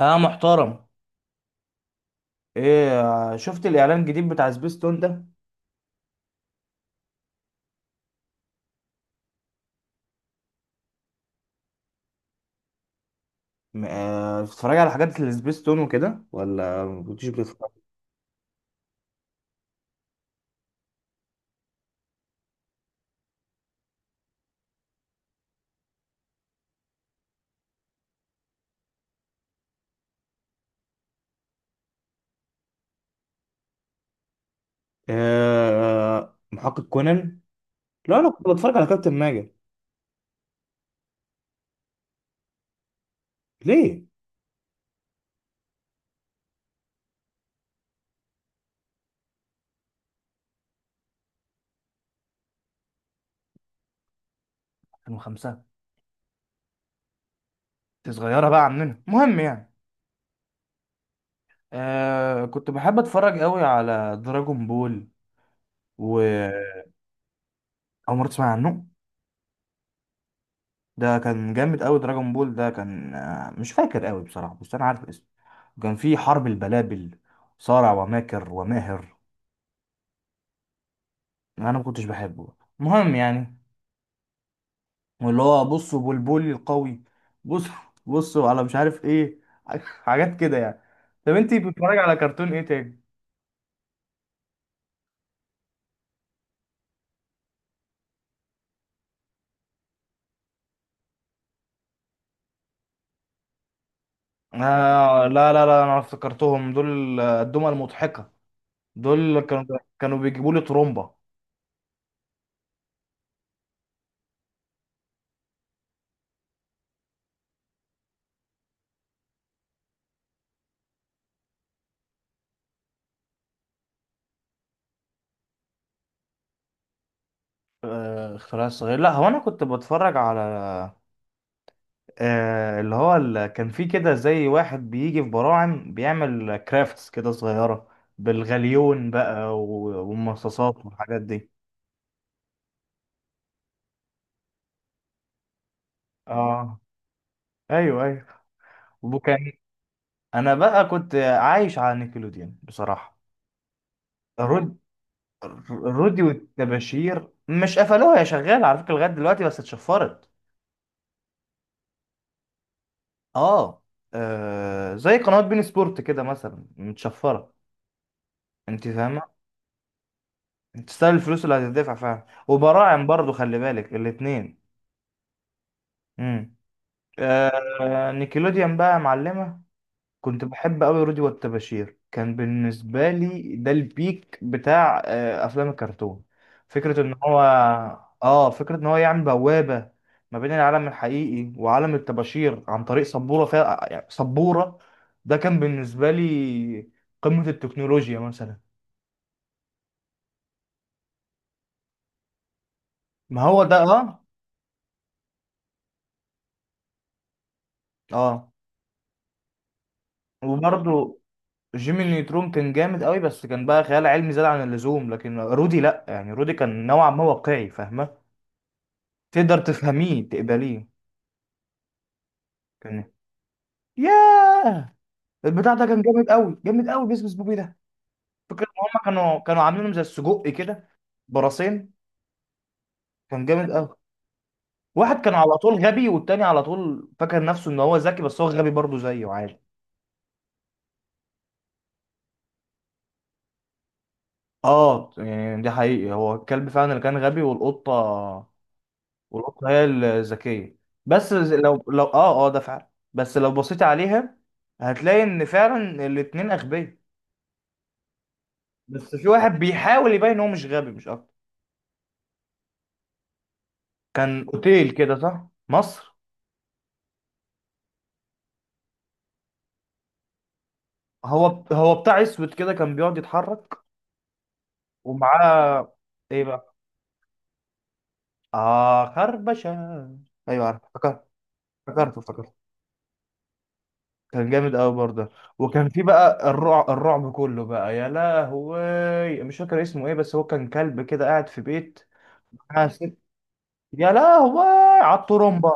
اه، محترم. ايه؟ شفت الاعلان الجديد بتاع سبيستون ده؟ بتتفرج على حاجات السبيستون وكده، ولا ما كنتش بتتفرج؟ آه، محقق كونان. لا، انا كنت بتفرج على كابتن ماجد. ليه؟ 2005. انت صغيره بقى عننا، المهم يعني. كنت بحب اتفرج قوي على دراجون بول و اول مره تسمع عنه؟ ده كان جامد قوي، دراجون بول ده كان مش فاكر قوي بصراحه، بس انا عارف اسمه. كان فيه حرب البلابل، صارع وماكر وماهر. انا ما كنتش بحبه، المهم يعني. واللي هو، بصوا بلبلي القوي. بص، بصوا على مش عارف ايه. حاجات كده يعني. طب انتي بتتفرج على كرتون ايه تاني؟ لا لا لا، انا افتكرتهم دول، الدمى المضحكة. دول كانوا بيجيبوا لي ترومبا. اختراع الصغير، لا هو انا كنت بتفرج على اللي هو كان في كده زي واحد بيجي في براعم بيعمل كرافتس كده صغيرة، بالغليون بقى والمصاصات والحاجات دي. اه، ايوه ايوه. وكان انا بقى كنت عايش على نيكلوديان بصراحه. رود رودي والتباشير مش قفلوها، يا شغال على فكره لغايه دلوقتي، بس اتشفرت. اه. زي قنوات بين سبورت كده مثلا متشفره. انت فاهمه؟ انت تستاهل الفلوس اللي هتدفع فعلا، وبراعم برضو خلي بالك الاتنين. امم نيكلوديان بقى معلمه. كنت بحب قوي رودي والتباشير، كان بالنسبة لي ده البيك بتاع أفلام الكرتون. فكرة إن هو فكرة إن هو يعمل بوابة ما بين العالم الحقيقي وعالم الطباشير عن طريق سبورة فيها، يعني سبورة. ده كان بالنسبة لي قمة التكنولوجيا مثلا. ما هو ده، آه. آه وبرضه جيمي نيوترون كان جامد قوي، بس كان بقى خيال علمي زاد عن اللزوم، لكن رودي لأ، يعني رودي كان نوعا ما واقعي، فاهمة؟ تقدر تفهميه تقبليه. كان ياه! البتاع ده كان جامد قوي، جامد قوي، بيس بيس بوبي ده. فكرة ان هم كانوا عاملينهم زي السجق كده، براسين. كان جامد قوي. واحد كان على طول غبي، والتاني على طول فاكر نفسه ان هو ذكي، بس هو غبي برضه زيه عادي. اه، يعني ده حقيقي، هو الكلب فعلا اللي كان غبي، والقطة. والقطة هي الذكية. بس لو ده فعلا، بس لو بصيت عليها هتلاقي ان فعلا الاتنين اغبياء. بس في واحد بيحاول يبين ان هو مش غبي، مش اكتر. كان اوتيل كده، صح؟ مصر. هو هو بتاع اسود كده كان بيقعد يتحرك، ومعاه ايه بقى؟ اه، خربشه. ايوه، عارف، افتكرت، افتكرت، افتكرت. كان جامد قوي برضه. وكان في بقى الرعب، الرعب كله بقى، يا لهوي، مش فاكر اسمه ايه، بس هو كان كلب كده قاعد في بيت، معاه ست. يا لهوي، على الطرمبه.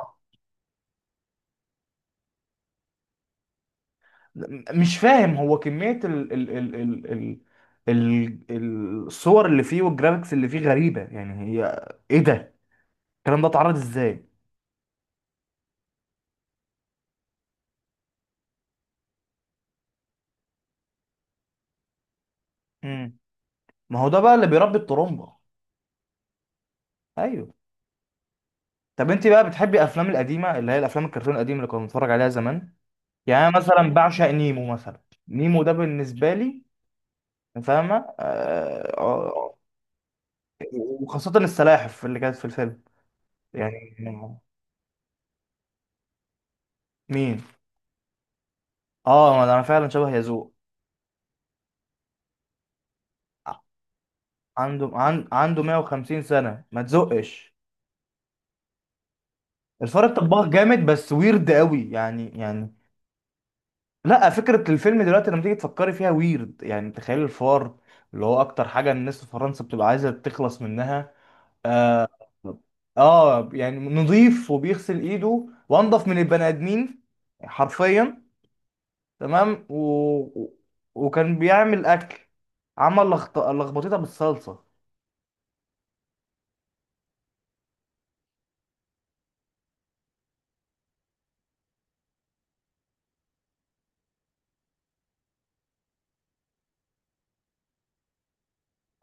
مش فاهم، هو كميه الصور اللي فيه والجرافيكس اللي فيه غريبه، يعني هي ايه ده؟ الكلام ده اتعرض ازاي؟ امم ما هو ده بقى اللي بيربي الطرمبة. ايوه. طب انت بقى بتحبي الافلام القديمه، اللي هي الافلام الكرتون القديمه اللي كنا بنتفرج عليها زمان؟ يعني انا مثلا بعشق نيمو مثلا. نيمو ده بالنسبه لي، فاهمه؟ وخاصه السلاحف اللي كانت في الفيلم، يعني. مين؟ اه، انا فعلا شبه يزوق. عنده 150 سنه، ما تزقش. الفار الطباخ جامد، بس ويرد قوي، يعني. لا، فكرة الفيلم دلوقتي لما تيجي تفكري فيها ويرد، يعني تخيل الفار اللي هو أكتر حاجة الناس في فرنسا بتبقى عايزة تخلص منها. آه, يعني نظيف وبيغسل إيده وأنضف من البني آدمين، حرفيا. تمام و- وكان بيعمل أكل، عمل لخبطتها بالصلصة.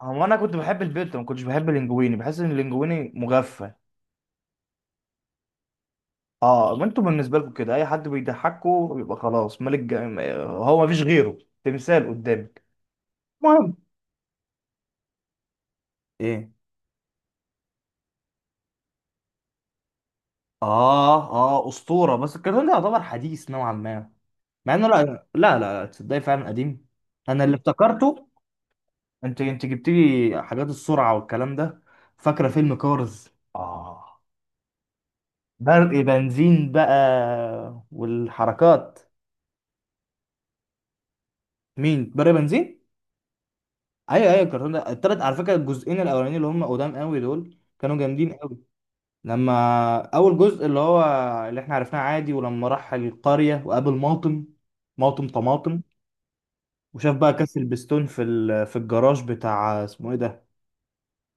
هو أنا كنت بحب البيت، ما كنتش بحب اللينجويني، بحس إن اللينجويني مغفى. اه، ما انتوا بالنسبه لكم كده اي حد بيضحكوا بيبقى خلاص ملك، هو مفيش غيره، تمثال قدامك. المهم. ايه؟ اه، اه، اسطوره، بس الكرتون ده يعتبر حديث نوعا ما، مع انه لا لا لا لا، تصدقي فعلا قديم. انا اللي افتكرته. انت جبت لي حاجات السرعه والكلام ده. فاكره فيلم كارز؟ اه. برق بنزين بقى، والحركات. مين برق بنزين؟ ايوه، ايوه. الكرتون ده التلات، على فكره الجزئين الاولانيين اللي هم قدام قوي دول كانوا جامدين. لما اول جزء اللي هو اللي احنا عرفناه عادي، ولما راح القرية وقابل ماطم، ماطم طماطم، وشاف بقى كاس البستون في في الجراج بتاع اسمه ايه ده.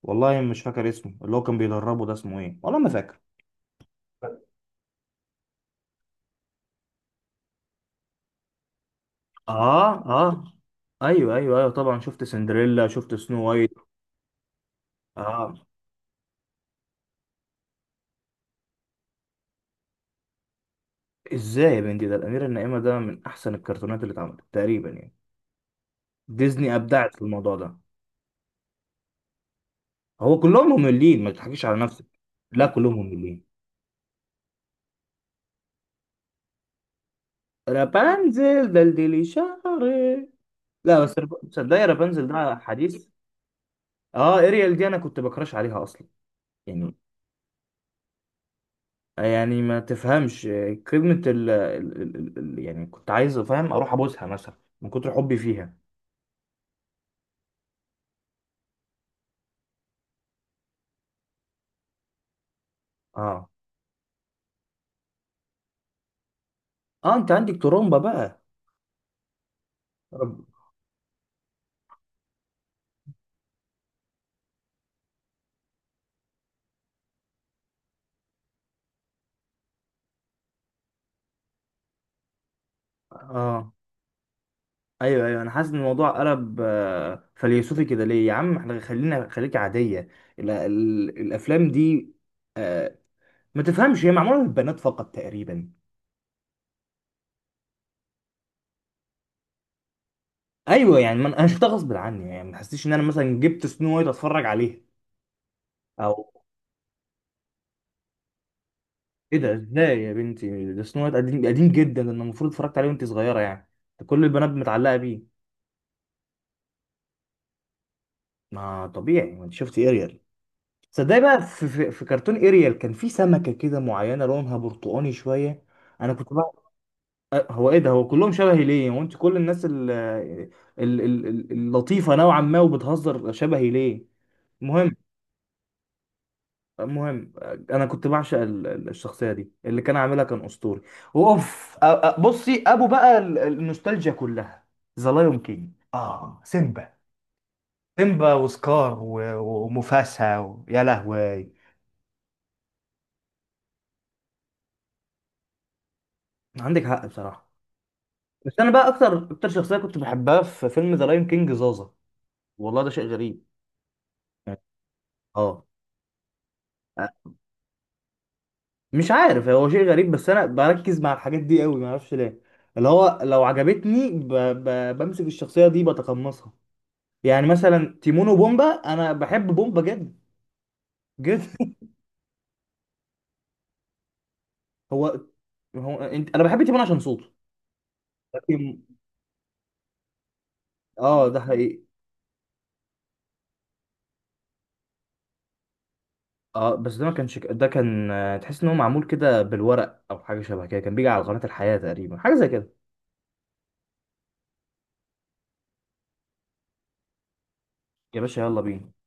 والله مش فاكر اسمه، اللي هو كان بيدربه ده اسمه ايه، والله ما فاكر. اه. اه، ايوه ايوه ايوه، طبعا شفت سندريلا، شفت سنو وايت. اه. ازاي يا بنتي؟ ده الاميره النائمه، ده من احسن الكرتونات اللي اتعملت تقريبا، يعني. ديزني ابدعت في الموضوع ده. هو كلهم مملين، ما تضحكيش على نفسك. لا، كلهم مملين. رابنزل، دلدلي شعري. لا بس تصدقي رابنزل ده حديث. اه، اريال دي انا كنت بكراش عليها اصلا، يعني. يعني ما تفهمش، كلمة يعني كنت عايز، فاهم، اروح ابوسها مثلا من كتر حبي فيها. اه. اه، انت عندك ترومبا بقى. رب... اه. ايوه، ايوه، انا حاسس ان الموضوع قلب فيلسوفي كده ليه يا عم، احنا خليك عادية. الافلام دي، ما تفهمش، هي معمولة للبنات فقط تقريبا. ايوه يعني، ما انا شفتها غصب عني، يعني ما تحسيش ان انا مثلا جبت سنو وايت اتفرج عليها. او ايه ده، ازاي يا بنتي، ده سنو وايت قديم قديم جدا، ده أنا المفروض اتفرجت عليه وانت صغيره، يعني. ده كل البنات متعلقه بيه. ما طبيعي، ما انت شفتي اريال. صدقني بقى، في كرتون اريال كان في سمكه كده معينه لونها برتقاني شويه. انا كنت بقى، هو ايه ده؟ هو كلهم شبهي ليه؟ هو انت كل الناس اللطيفه نوعا ما وبتهزر شبهي ليه؟ المهم. المهم، انا كنت بعشق الشخصيه دي، اللي كان عاملها كان اسطوري. واوف، بصي، ابو بقى النوستالجيا كلها. ذا لايون كينج، اه، سيمبا. سيمبا وسكار ومفاسا يا لهوي. عندك حق بصراحه. بس انا بقى اكتر اكتر شخصيه كنت بحبها في فيلم ذا لايون كينج، زازا. والله، ده شيء غريب، يعني. اه. مش عارف، هو شيء غريب بس انا بركز مع الحاجات دي قوي، ما اعرفش ليه. اللي هو لو عجبتني، بمسك الشخصيه دي، بتقمصها. يعني مثلا تيمون وبومبا، انا بحب بومبا جدا، جدا. هو هو انت، انا بحب تيمون عشان صوته، لكن. اه، ده حقيقي. اه، بس ده ما كانش ده كان تحس ان هو معمول كده بالورق او حاجه شبه كده، كان بيجي على قناه الحياه تقريبا، حاجه زي كده. يا باشا، يلا بينا.